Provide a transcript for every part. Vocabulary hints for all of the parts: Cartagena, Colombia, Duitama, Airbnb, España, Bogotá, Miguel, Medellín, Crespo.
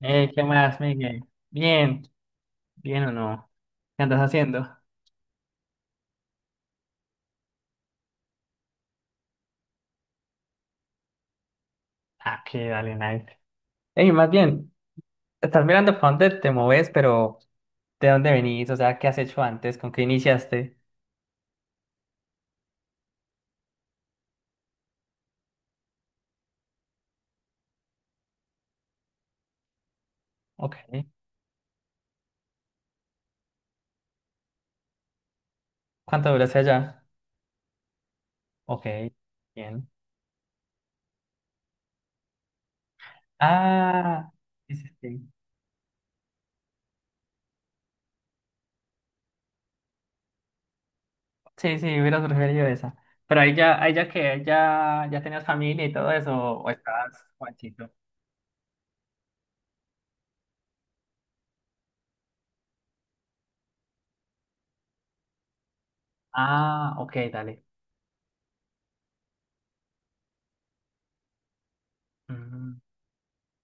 ¿Qué más, Miguel? Bien, bien o no. ¿Qué andas haciendo? Ah, qué dale, nice. Ey, más bien, ¿estás mirando para dónde te mueves? Pero ¿de dónde venís? O sea, ¿qué has hecho antes? ¿Con qué iniciaste? Ok. ¿Cuánto duraste allá? Ok, bien. Ah, sí, sí, sí. Sí, sí, hubiera preferido esa. Pero ahí ya que ya tenías familia y todo eso, o estabas Juanchito. Ah, ok, dale. Mm,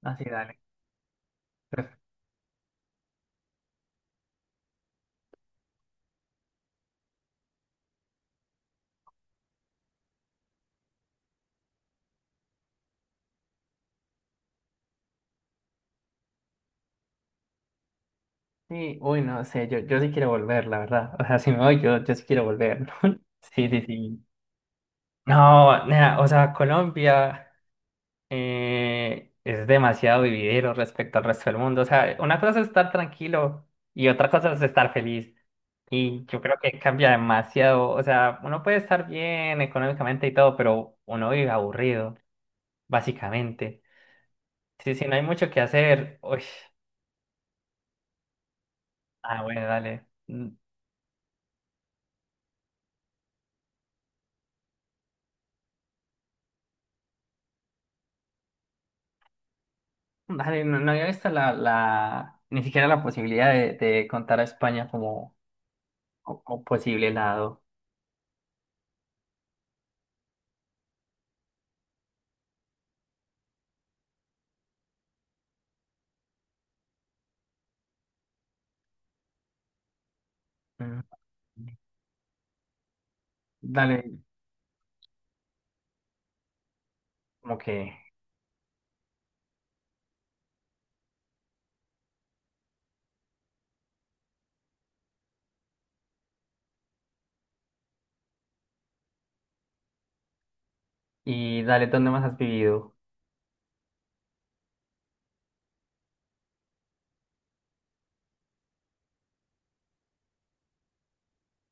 Así, dale. Sí, uy, no sé, yo sí quiero volver, la verdad. O sea, si me voy, yo sí quiero volver. Sí, sí, sí. No, nada, o sea, Colombia es demasiado vividero respecto al resto del mundo. O sea, una cosa es estar tranquilo y otra cosa es estar feliz. Y yo creo que cambia demasiado. O sea, uno puede estar bien económicamente y todo, pero uno vive aburrido, básicamente. Sí, sí, no hay mucho que hacer. Uy, ah, bueno, dale. Dale, no, no había visto la, ni siquiera la posibilidad de contar a España como, como posible lado. Mm, Dale, como que, y dale, ¿dónde más has vivido?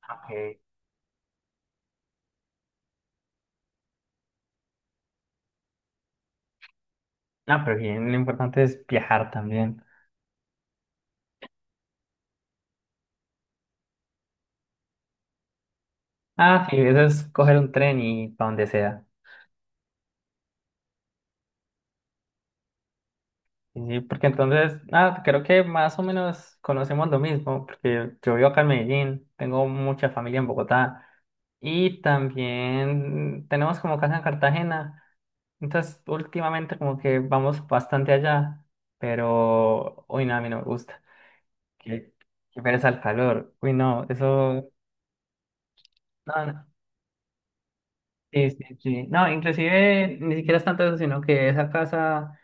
Ah, okay. Ah, pero bien, lo importante es viajar también. Ah, sí, eso es coger un tren y para donde sea. Sí, sí, porque entonces, ah, creo que más o menos conocemos lo mismo, porque yo vivo acá en Medellín, tengo mucha familia en Bogotá. Y también tenemos como casa en Cartagena. Entonces, últimamente como que vamos bastante allá, pero hoy nada, a mí no me gusta. Qué, qué pereza el calor. Uy, no, eso. No, no. Sí, sí, sí. No, inclusive ni siquiera es tanto eso, sino que esa casa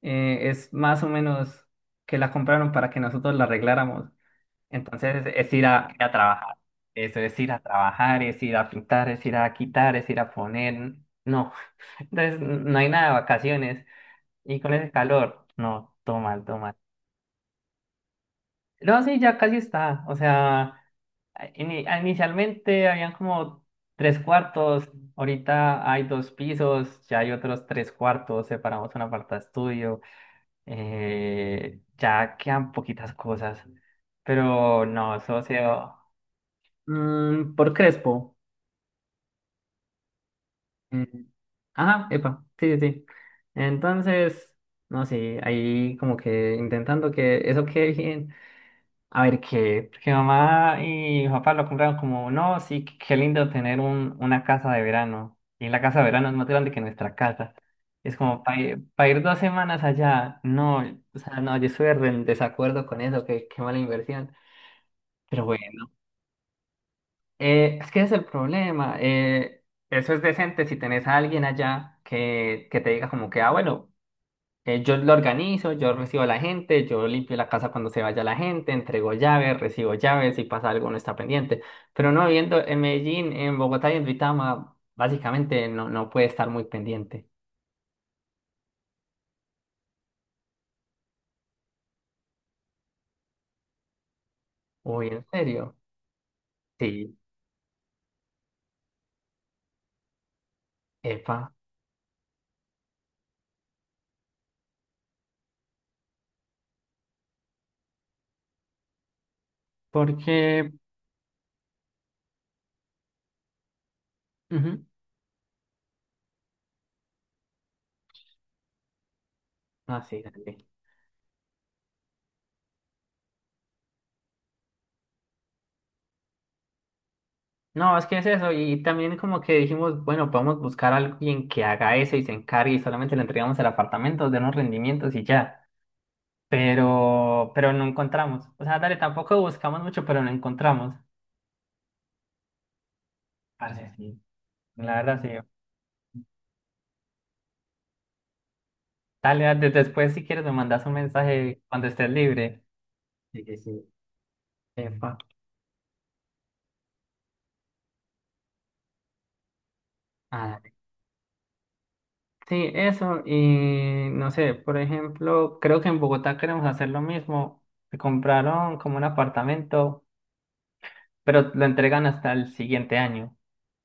es más o menos que la compraron para que nosotros la arregláramos. Entonces es ir a trabajar. Eso es ir a trabajar, es ir a pintar, es ir a quitar, es ir a poner. No. Entonces no hay nada de vacaciones. Y con ese calor, no, todo mal, todo mal. No, sí, ya casi está. O sea, inicialmente habían como tres cuartos. Ahorita hay dos pisos, ya hay otros tres cuartos. Separamos una parte de estudio. Ya quedan poquitas cosas. Pero no, socio. Por Crespo. Eh, ajá, epa, sí, sí, sí. Entonces, no sé, ahí como que intentando que eso quede bien. A ver qué, porque mamá y mi papá lo compraron como, no, sí, qué lindo tener una casa de verano. Y la casa de verano es más grande que nuestra casa. Es como para ir, pa ir dos semanas allá. No, o sea, no, yo estoy re en desacuerdo con eso, que qué mala inversión. Pero bueno. Es que ese es el problema. Eso es decente si tenés a alguien allá que te diga como que, ah, bueno, yo lo organizo, yo recibo a la gente, yo limpio la casa cuando se vaya la gente, entrego llaves, recibo llaves, si pasa algo no está pendiente. Pero no, viendo en Medellín, en Bogotá y en Duitama, básicamente no puede estar muy pendiente. Uy, ¿en serio? Sí, epa, porque ujú, ah, sí, dale. No, es que es eso. Y también como que dijimos, bueno, podemos buscar a alguien que haga eso y se encargue y solamente le entregamos el apartamento, denos rendimientos y ya. Pero no encontramos. O sea, dale, tampoco buscamos mucho, pero no encontramos. Parce, sí. La verdad, sí. Dale, dale, después si quieres me mandas un mensaje cuando estés libre. Sí, sí, sí. Epa. Ah, dale, sí, eso. Y no sé, por ejemplo, creo que en Bogotá queremos hacer lo mismo. Se compraron como un apartamento, pero lo entregan hasta el siguiente año.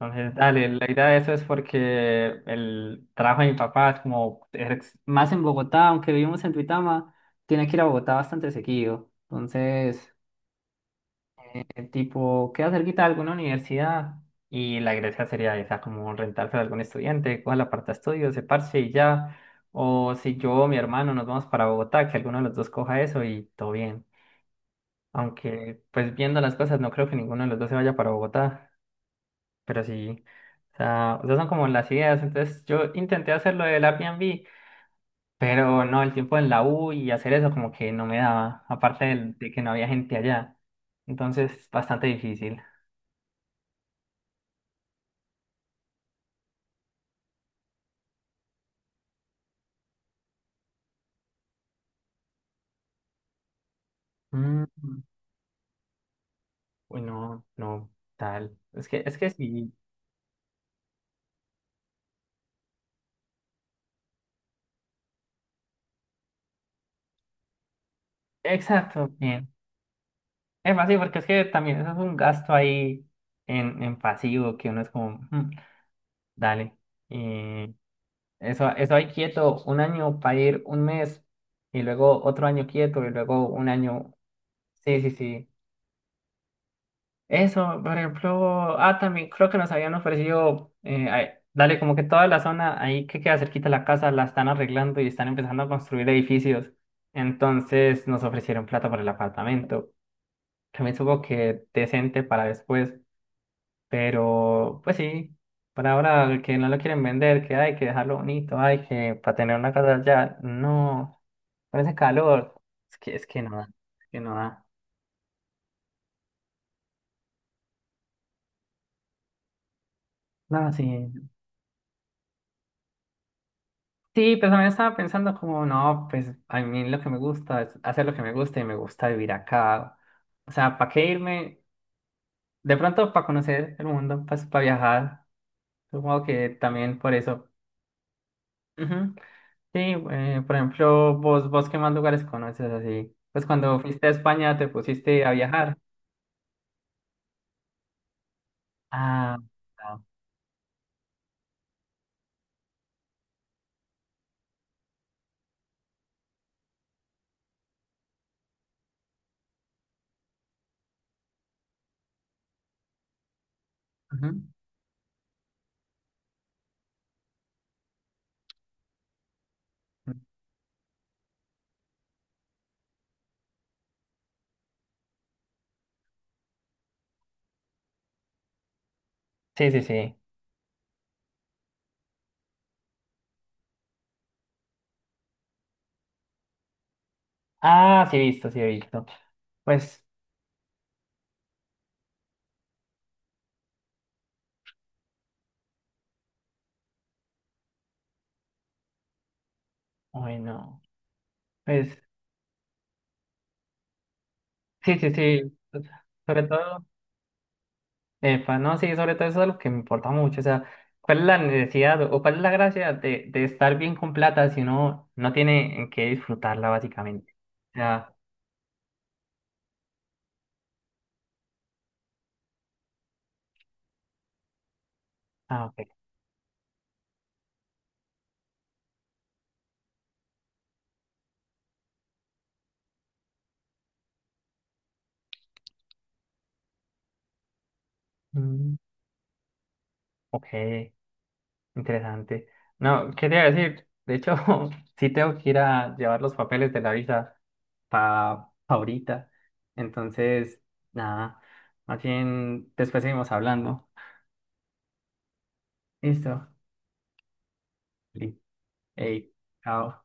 Entonces, dale, la idea de eso es porque el trabajo de mi papá es como es más en Bogotá, aunque vivimos en Duitama, tiene que ir a Bogotá bastante seguido. Entonces, el tipo queda cerquita de alguna universidad y la iglesia sería esa, como rentarse a algún estudiante, coja la parte de estudios, se parche y ya. O si yo o mi hermano nos vamos para Bogotá, que alguno de los dos coja eso y todo bien. Aunque, pues viendo las cosas, no creo que ninguno de los dos se vaya para Bogotá. Pero sí, o sea, esas son como las ideas. Entonces yo intenté hacer lo del Airbnb, pero no, el tiempo en la U y hacer eso como que no me daba, aparte de que no había gente allá. Entonces, bastante difícil. Mm, uy, no, no, tal. Es que sí, exacto, bien. Es más, sí, porque es que también eso es un gasto ahí en pasivo que uno es como, "Mm, dale". Eso ahí quieto un año para ir un mes y luego otro año quieto y luego un año. Sí, sí, sí. Eso, por ejemplo, ah, también creo que nos habían ofrecido, ay, dale, como que toda la zona ahí que queda cerquita de la casa la están arreglando y están empezando a construir edificios. Entonces nos ofrecieron plata para el apartamento. También supongo que decente para después. Pero, pues sí, por ahora el que no lo quieren vender, que hay que dejarlo bonito, hay que para tener una casa allá, no, con ese calor, es que no da, es que no da. No, sí. Sí, pues también estaba pensando como, no, pues a mí lo que me gusta es hacer lo que me gusta y me gusta vivir acá. O sea, ¿para qué irme? De pronto para conocer el mundo, pues para viajar. Supongo que también por eso. Ujú. Sí, por ejemplo, vos qué más lugares conoces así. Pues cuando fuiste a España te pusiste a viajar. Ah, ah. Ujú. Sí, sí, sí. Ah, sí he visto, sí he visto. Pues, bueno, pues, sí, sí, sí. Sobre todo, epa, no, sí, sobre todo eso es lo que me importa mucho. O sea, ¿cuál es la necesidad o cuál es la gracia de estar bien con plata si uno no tiene en qué disfrutarla, básicamente? O sea, ah, ok. Mm, ok. Interesante. No, quería decir, de hecho, sí tengo que ir a llevar los papeles de la visa para ahorita. Entonces, nada, más bien después seguimos hablando. Listo. Sí. Ey, chao.